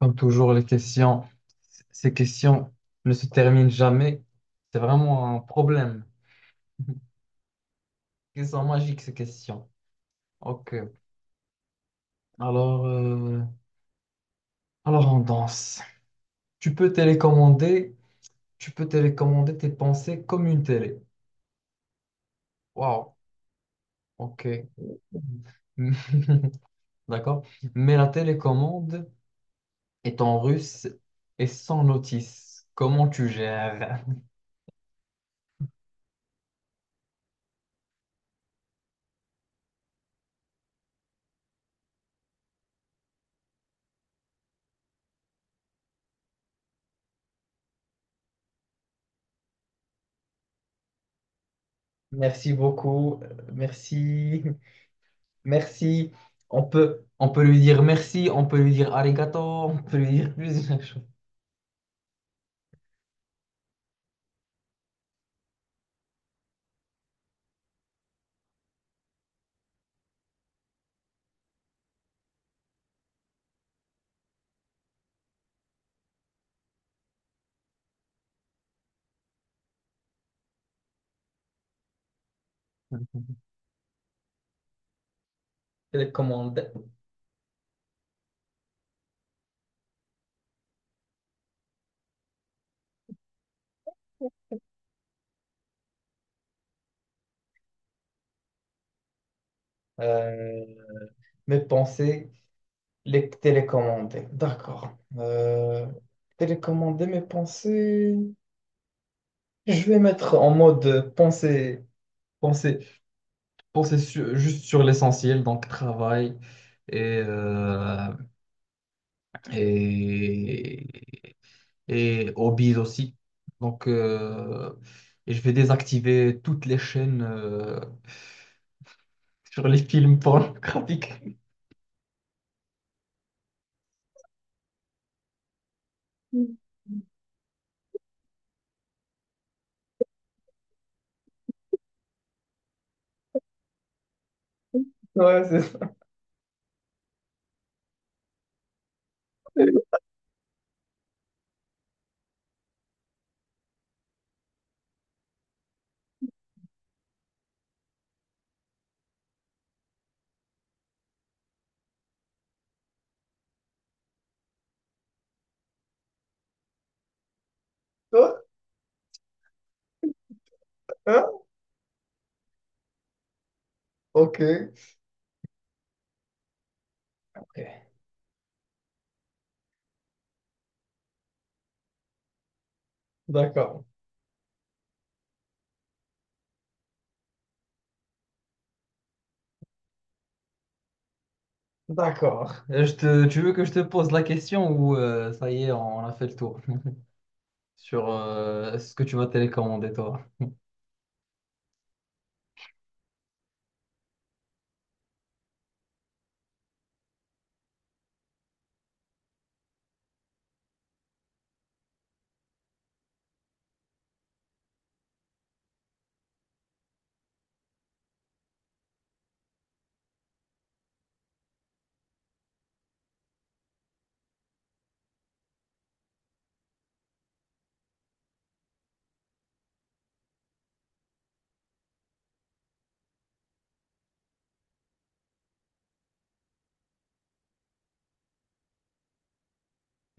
Comme toujours, les questions, ces questions ne se terminent jamais. C'est vraiment un problème. Ils sont magiques, ces questions. Ok. Alors, euh, alors on danse. Tu peux télécommander, tu peux télécommander tes pensées comme une télé. Waouh. Ok. D'accord. Mais la télécommande est en russe et sans notice. Comment tu gères? Merci beaucoup. Merci. Merci. On peut lui dire merci, on peut lui dire arigato, on peut lui dire plusieurs choses. Télécommande. Euh, Mes pensées, les télécommander. D'accord. Télécommander mes pensées. Je vais mettre en mode pensée, pensée, juste sur l'essentiel, donc travail et, euh, et et hobbies aussi. Donc je vais désactiver toutes les chaînes sur les films pornographiques. Ouais, c'est ça. Toi, hein? Ok. Ok. D'accord. D'accord. Tu veux que je te pose la question ou ça y est, on a fait le tour sur ce que tu vas télécommander, toi?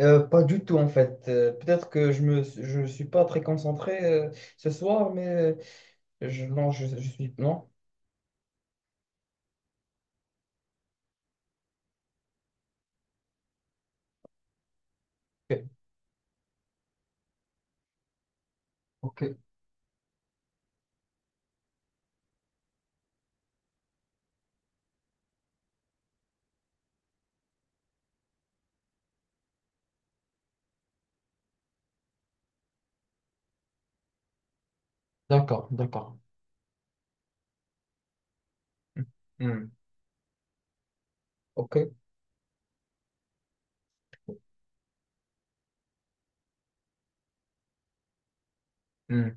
Pas du tout en fait. Peut-être que je suis pas très concentré ce soir, mais non, je suis non. Ok, ok. D'accord, d'accord. Hmm. Hmm. Ok. Hmm.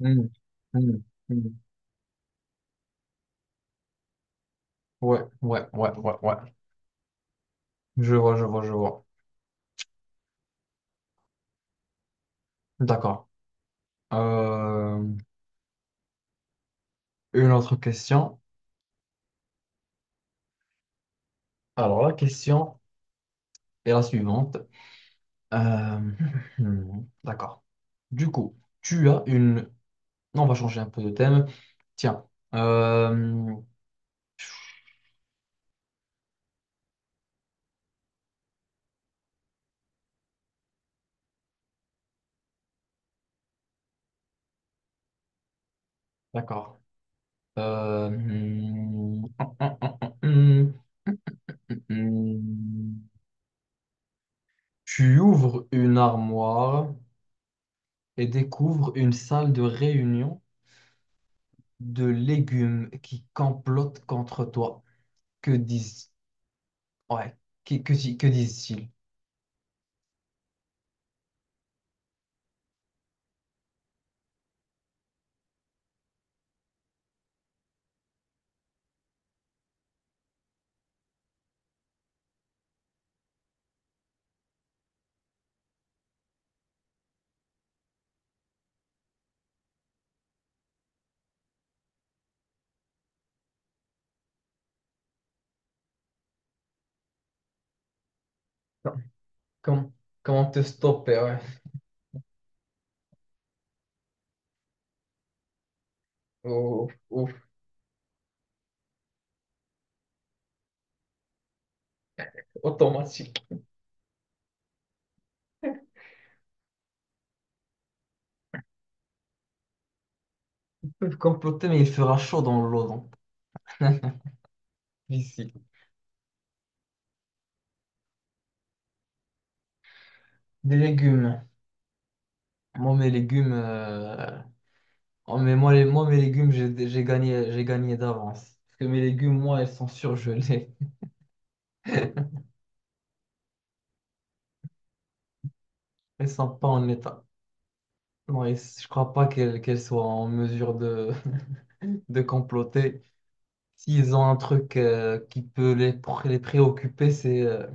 Hmm. Hmm. Hmm. Ouais, ouais, ouais, ouais, ouais. Je vois, je vois, je vois. D'accord. Euh, une autre question. Alors, la question est la suivante. Euh, D'accord. Du coup, tu as une... Non, on va changer un peu de thème. Tiens. Euh, D'accord. Hmm, hmm, hmm, hmm, hmm, hmm. Tu ouvres une armoire et découvre une salle de réunion de légumes qui complotent contre toi. Que disent, ouais, que disent-ils? Comment, comment te stopper, ouais. Oh, oh, automatique. Ils peuvent comploter, mais il fera chaud dans l'eau, donc. Ici. Des légumes. Moi, mes légumes, oh, mais moi, les, moi, Mes légumes, j'ai gagné d'avance. Parce que mes légumes, moi, elles sont surgelées. Elles sont pas en état. Non, et je crois pas qu'elles soient en mesure de de comploter. S'ils ont un truc qui peut les préoccuper,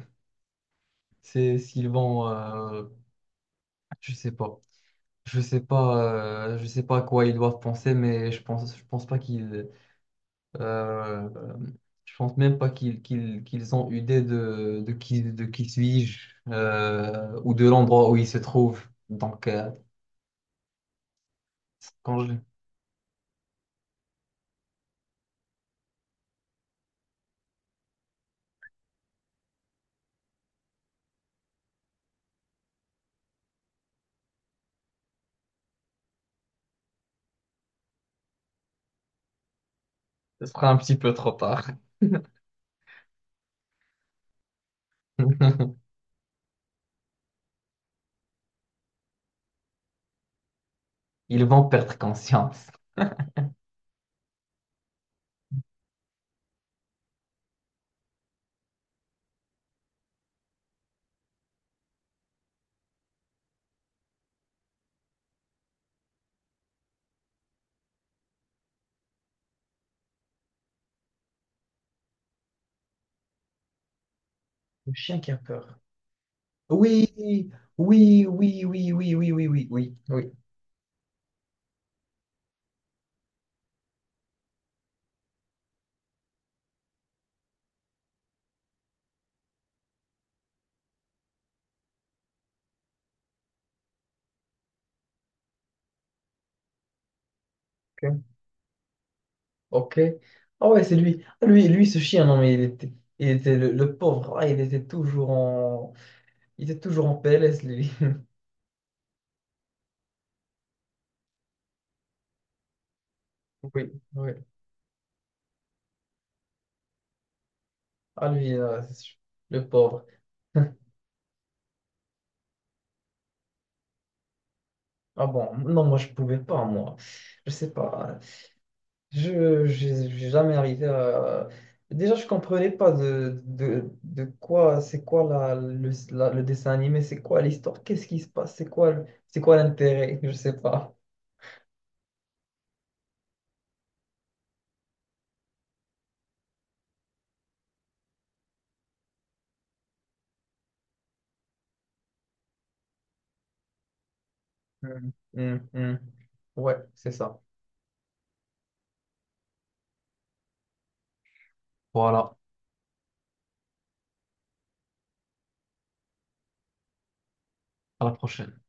c'est s'ils vont, je sais pas, je sais pas, je sais pas à quoi ils doivent penser, mais je pense pas qu'ils, euh, je pense même pas qu'ils ont idée de, de qui suis-je ou de l'endroit où ils se trouvent. Quand je, Ce sera un petit peu trop tard. Ils vont perdre conscience. Le chien qui a peur. Oui, oui, oui, oui, oui, oui, oui, oui, oui, oui, ok, ok. Ah ouais, c'est lui. Ah, lui, ce chien, non, mais il était le pauvre, ah, il était toujours en, il était toujours en PLS, lui. Oui, oui. Ah, lui, là, c'est sûr. Le pauvre. Ah bon, non, moi, je pouvais pas, moi. Je sais pas. J'ai jamais arrivé à... Déjà, je comprenais pas de quoi, c'est quoi la- le dessin animé, c'est quoi l'histoire, qu'est-ce qui se passe, c'est quoi l'intérêt, je sais pas. Mm. Hum, hum. Ouais, c'est ça. Voilà, à la prochaine.